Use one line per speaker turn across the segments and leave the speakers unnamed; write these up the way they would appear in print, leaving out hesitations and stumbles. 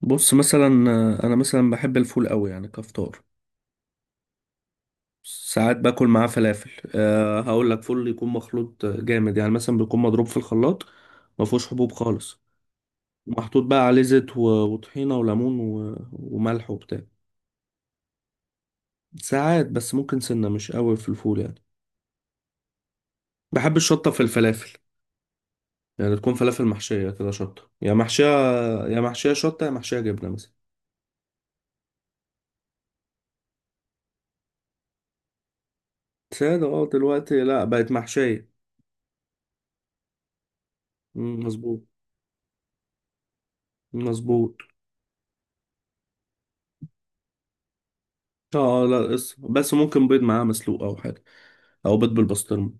بص مثلا، انا مثلا بحب الفول قوي يعني كفطار. ساعات باكل معاه فلافل. هقول لك فول يكون مخلوط جامد، يعني مثلا بيكون مضروب في الخلاط، ما فيهوش حبوب خالص، ومحطوط بقى عليه زيت وطحينه وليمون وملح وبتاع. ساعات بس، ممكن سنه مش قوي في الفول يعني. بحب الشطه في الفلافل، يعني تكون فلافل محشيه كده شطه، يا محشيه، يا محشيه شطه، يا محشيه جبنه مثلا. ساده، اه، دلوقتي لا، بقت محشيه. مم، مظبوط. مظبوط. اه، اه، لا، بس ممكن بيض معاه مسلوق او حاجه، او بيض بالبسطرمه.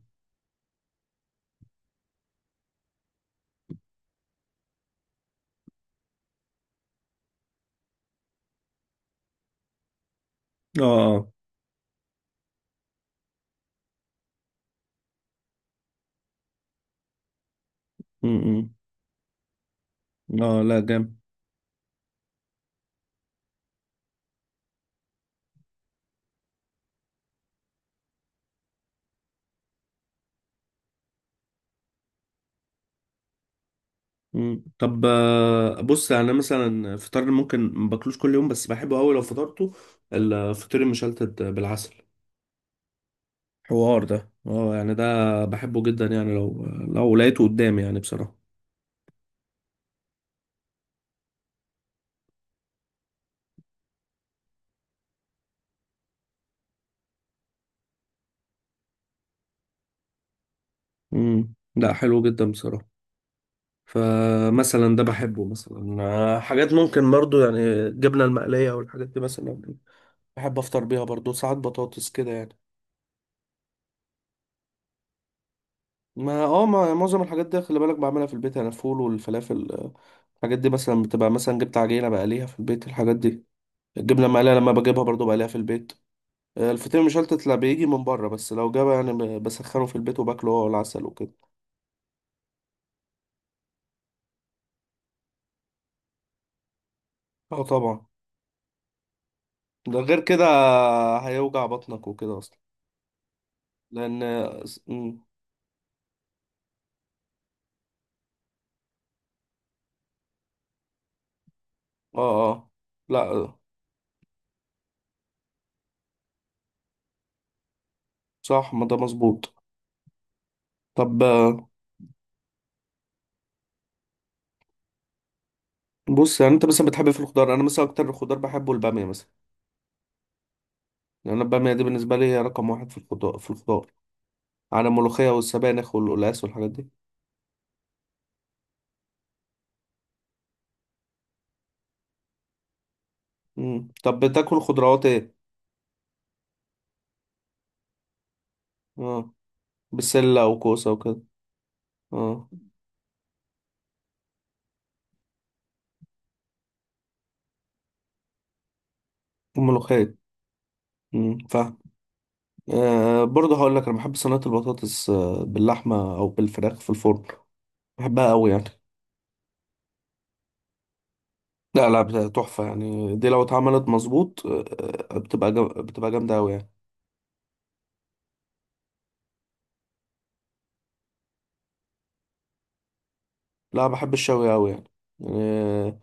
اه اه م- اه، لا، جامد. طب، بص، يعني انا مثلا فطار ممكن ما باكلوش كل يوم، بس بحبه قوي لو فطرته الفطير المشلتت بالعسل. حوار ده، اه، يعني ده بحبه جدا يعني، لو لقيته قدامي يعني بصراحه. لا، حلو جدا بصراحه. فمثلا ده بحبه مثلا، حاجات ممكن برضو يعني الجبنه المقليه والحاجات دي مثلا، بحب افطر بيها برضو. ساعات بطاطس كده يعني. ما معظم الحاجات دي خلي بالك بعملها في البيت، انا الفول والفلافل، الحاجات دي مثلا بتبقى، مثلا جبت عجينه بقليها في البيت، الحاجات دي الجبنه المقليه لما بجيبها برضو بقليها في البيت. الفطير مشلتت لا، بيجي من بره، بس لو جابه يعني بسخنه في البيت وباكله هو، العسل وكده. اه، طبعا. ده غير كده هيوجع بطنك وكده اصلا. لان اه، اه، لا، صح. ما ده مظبوط. طب، بص، يعني انت مثلا بتحب في الخضار، انا مثلا اكتر خضار بحبه الباميه مثلا. لأن أنا البامية دي بالنسبة لي هي رقم واحد في الخضار، على الملوخية والسبانخ والقلقاس والحاجات دي. طب بتاكل خضروات ايه؟ اه، بسلة وكوسة وكده. اه، وملوخية. فاهم. برضه هقول لك أنا بحب صينية البطاطس، باللحمة أو بالفراخ في الفرن، بحبها أوي يعني. لا، لا، تحفة يعني، دي لو اتعملت مظبوط، بتبقى جامدة أوي يعني. لا، بحب الشوي أوي يعني، آه،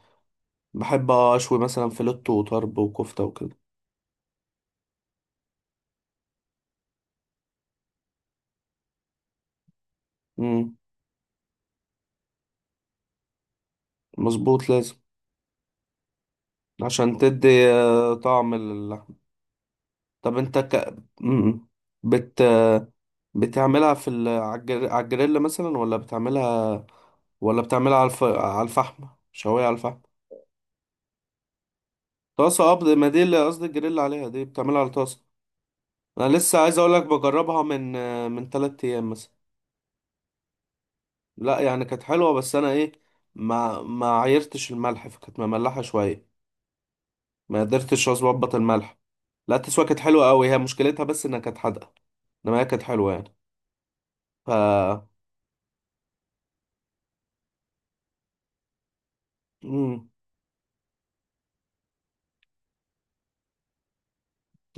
بحب أشوي مثلا فيلتو وطرب وكفتة وكده. مم. مظبوط، لازم. عشان تدي طعم للحم. طب انت مم. بت... بتعملها في على على الجريل مثلا، ولا بتعملها، ولا بتعملها على على الفحم، شوية على الفحم؟ طاسة قبل ما دي، اللي قصدي الجريل عليها، دي بتعملها على طاسة. انا لسه عايز اقولك بجربها من 3 ايام مثلا. لا يعني كانت حلوة، بس انا ايه، ما عيرتش الملح، فكانت مملحة شوية. ما قدرتش اظبط الملح. لا، التسوية كانت حلوة قوي، هي مشكلتها بس انها كانت حادقة. انما هي كانت حلوة يعني. ف مم.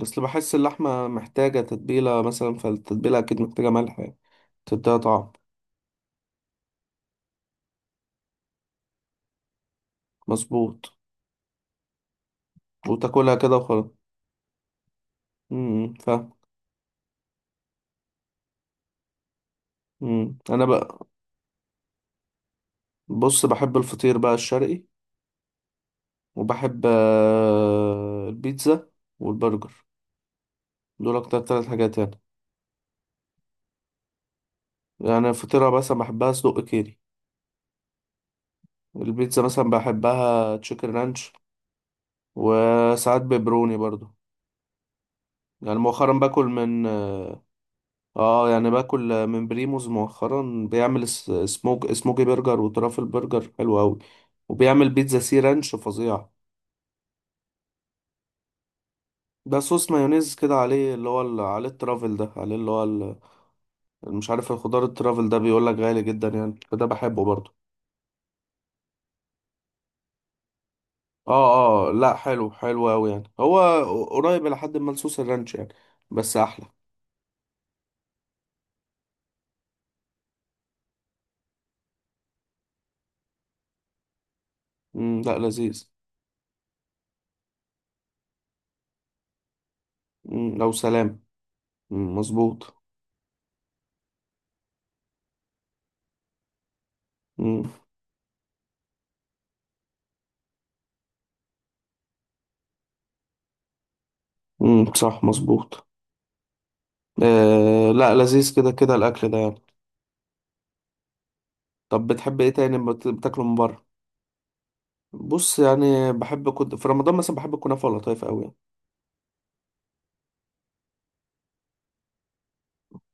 اصل بحس اللحمة محتاجة تتبيلة، مثلا فالتتبيلة أكيد محتاجة ملح يعني، تديها طعم. مظبوط. وتاكلها كده وخلاص. مم. ف أنا بقى، بص، بحب الفطير بقى الشرقي، وبحب البيتزا والبرجر، دول أكتر تلات حاجات يعني. يعني الفطيرة مثلا بحبها سجق كيري، البيتزا مثلا بحبها تشيكن رانش، وساعات بيبروني برضو. يعني مؤخرا باكل من، اه يعني باكل من بريموز مؤخرا، بيعمل سموكي برجر وترافل برجر حلو قوي، وبيعمل بيتزا سي رانش فظيعة. ده صوص مايونيز كده عليه، اللي هو عليه الترافل ده، عليه اللي هو مش عارف الخضار الترافل ده، بيقول لك غالي جدا يعني، فده بحبه برضه. اه، اه، لا، حلو، حلو قوي يعني. هو قريب لحد ما لصوص الرانش يعني، بس احلى. مم، لا، لذيذ. مم، لو سلام. مم، مظبوط. مم. مم، صح، مظبوط. آه، لا، لذيذ كده، كده الاكل ده يعني. طب بتحب ايه تاني بتاكله من بره؟ بص يعني بحب، كنت في رمضان مثلا بحب الكنافه واللطايف قوي يعني.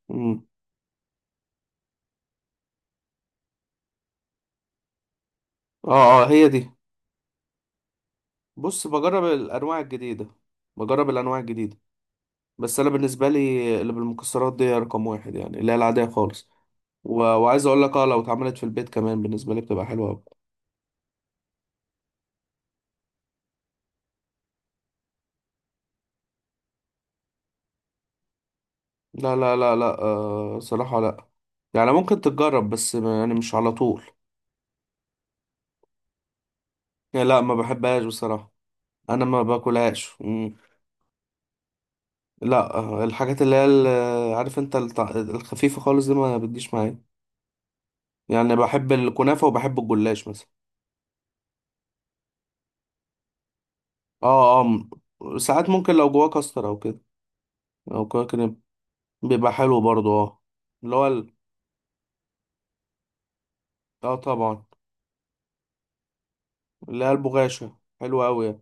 امم اه، اه، هي دي. بص، بجرب الانواع الجديده. بجرب الانواع الجديده، بس انا بالنسبه لي اللي بالمكسرات دي رقم واحد، يعني اللي هي العاديه خالص. وعايز اقول لك، لو اتعملت في البيت كمان بالنسبه لي بتبقى حلوه أوي. لا، لا، لا، لا، صراحه، لا. يعني ممكن تتجرب، بس يعني مش على طول. يعني لا، ما بحبهاش بصراحه. انا ما باكلهاش. لا، الحاجات اللي هي عارف انت الخفيفة خالص دي ما بتجيش معايا. يعني بحب الكنافة، وبحب الجلاش مثلا. اه، اه، ساعات ممكن لو جواه كاستر او كده، او كده كده بيبقى حلو برضو، اه. اللي هو اه طبعا. اللي هي البغاشة حلوة اوي يعني.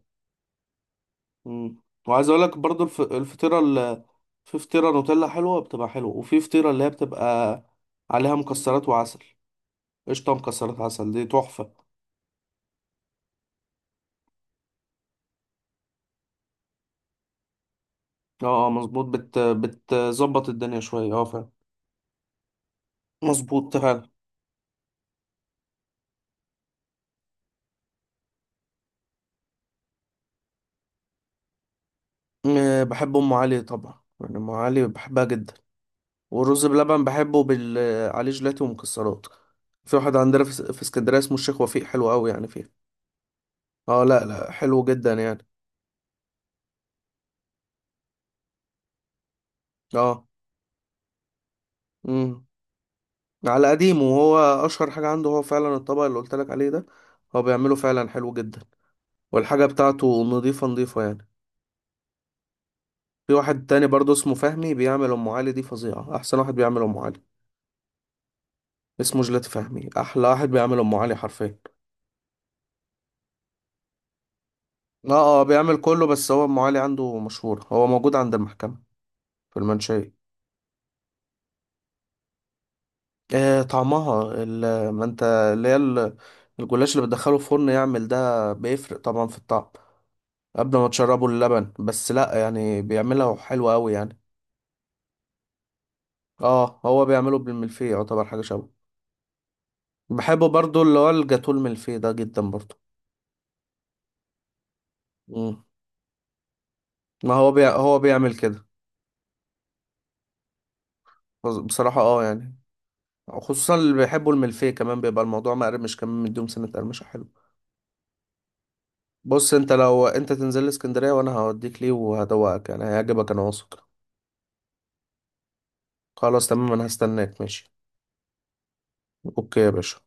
مم. وعايز اقول لك برضو الفطيرة في فطيرة نوتيلا حلوة، بتبقى حلوة. وفي فطيرة اللي هي بتبقى عليها مكسرات وعسل، قشطة مكسرات عسل، دي تحفة. اه، اه، مظبوط. بتظبط الدنيا شوية، اه فعلا. مظبوط فعلا. بحب ام علي طبعا، يعني ام علي بحبها جدا. والرز بلبن بحبه عليه جيلاتي ومكسرات. في واحد عندنا في اسكندريه اسمه الشيخ وفيق، حلو قوي يعني فيه. اه، لا، لا، حلو جدا يعني. اه. امم على قديمه، وهو اشهر حاجه عنده، هو فعلا الطبق اللي قلت لك عليه ده، هو بيعمله فعلا حلو جدا. والحاجه بتاعته نظيفه نظيفه يعني. في واحد تاني برضه اسمه فهمي، بيعمل ام علي، دي فظيعه، احسن واحد بيعمل ام علي. اسمه جيلاتي فهمي، احلى واحد بيعمل ام علي حرفيا. اه، بيعمل كله، بس هو ام علي عنده مشهور، هو موجود عند المحكمة في المنشية. طعمها ما انت اللي هي الجلاش اللي بتدخله الفرن يعمل ده بيفرق طبعا في الطعم، قبل ما تشربه اللبن بس، لا يعني بيعملها حلوة قوي يعني. اه، هو بيعمله بالملفيه، يعتبر حاجة شبه، بحبه برضو اللي هو الجاتو الملفيه ده جدا برضو. مم. ما هو هو بيعمل كده. بصراحة اه يعني، خصوصا اللي بيحبوا الملفيه، كمان بيبقى الموضوع مقرمش، كمان مديهم سنة قرمشة حلوة. بص انت، لو انت تنزل لي اسكندرية، وانا هوديك ليه وهدوقك، يعني هيعجبك، انا واثق. خلاص تمام، انا هستناك، ماشي. اوكي يا باشا.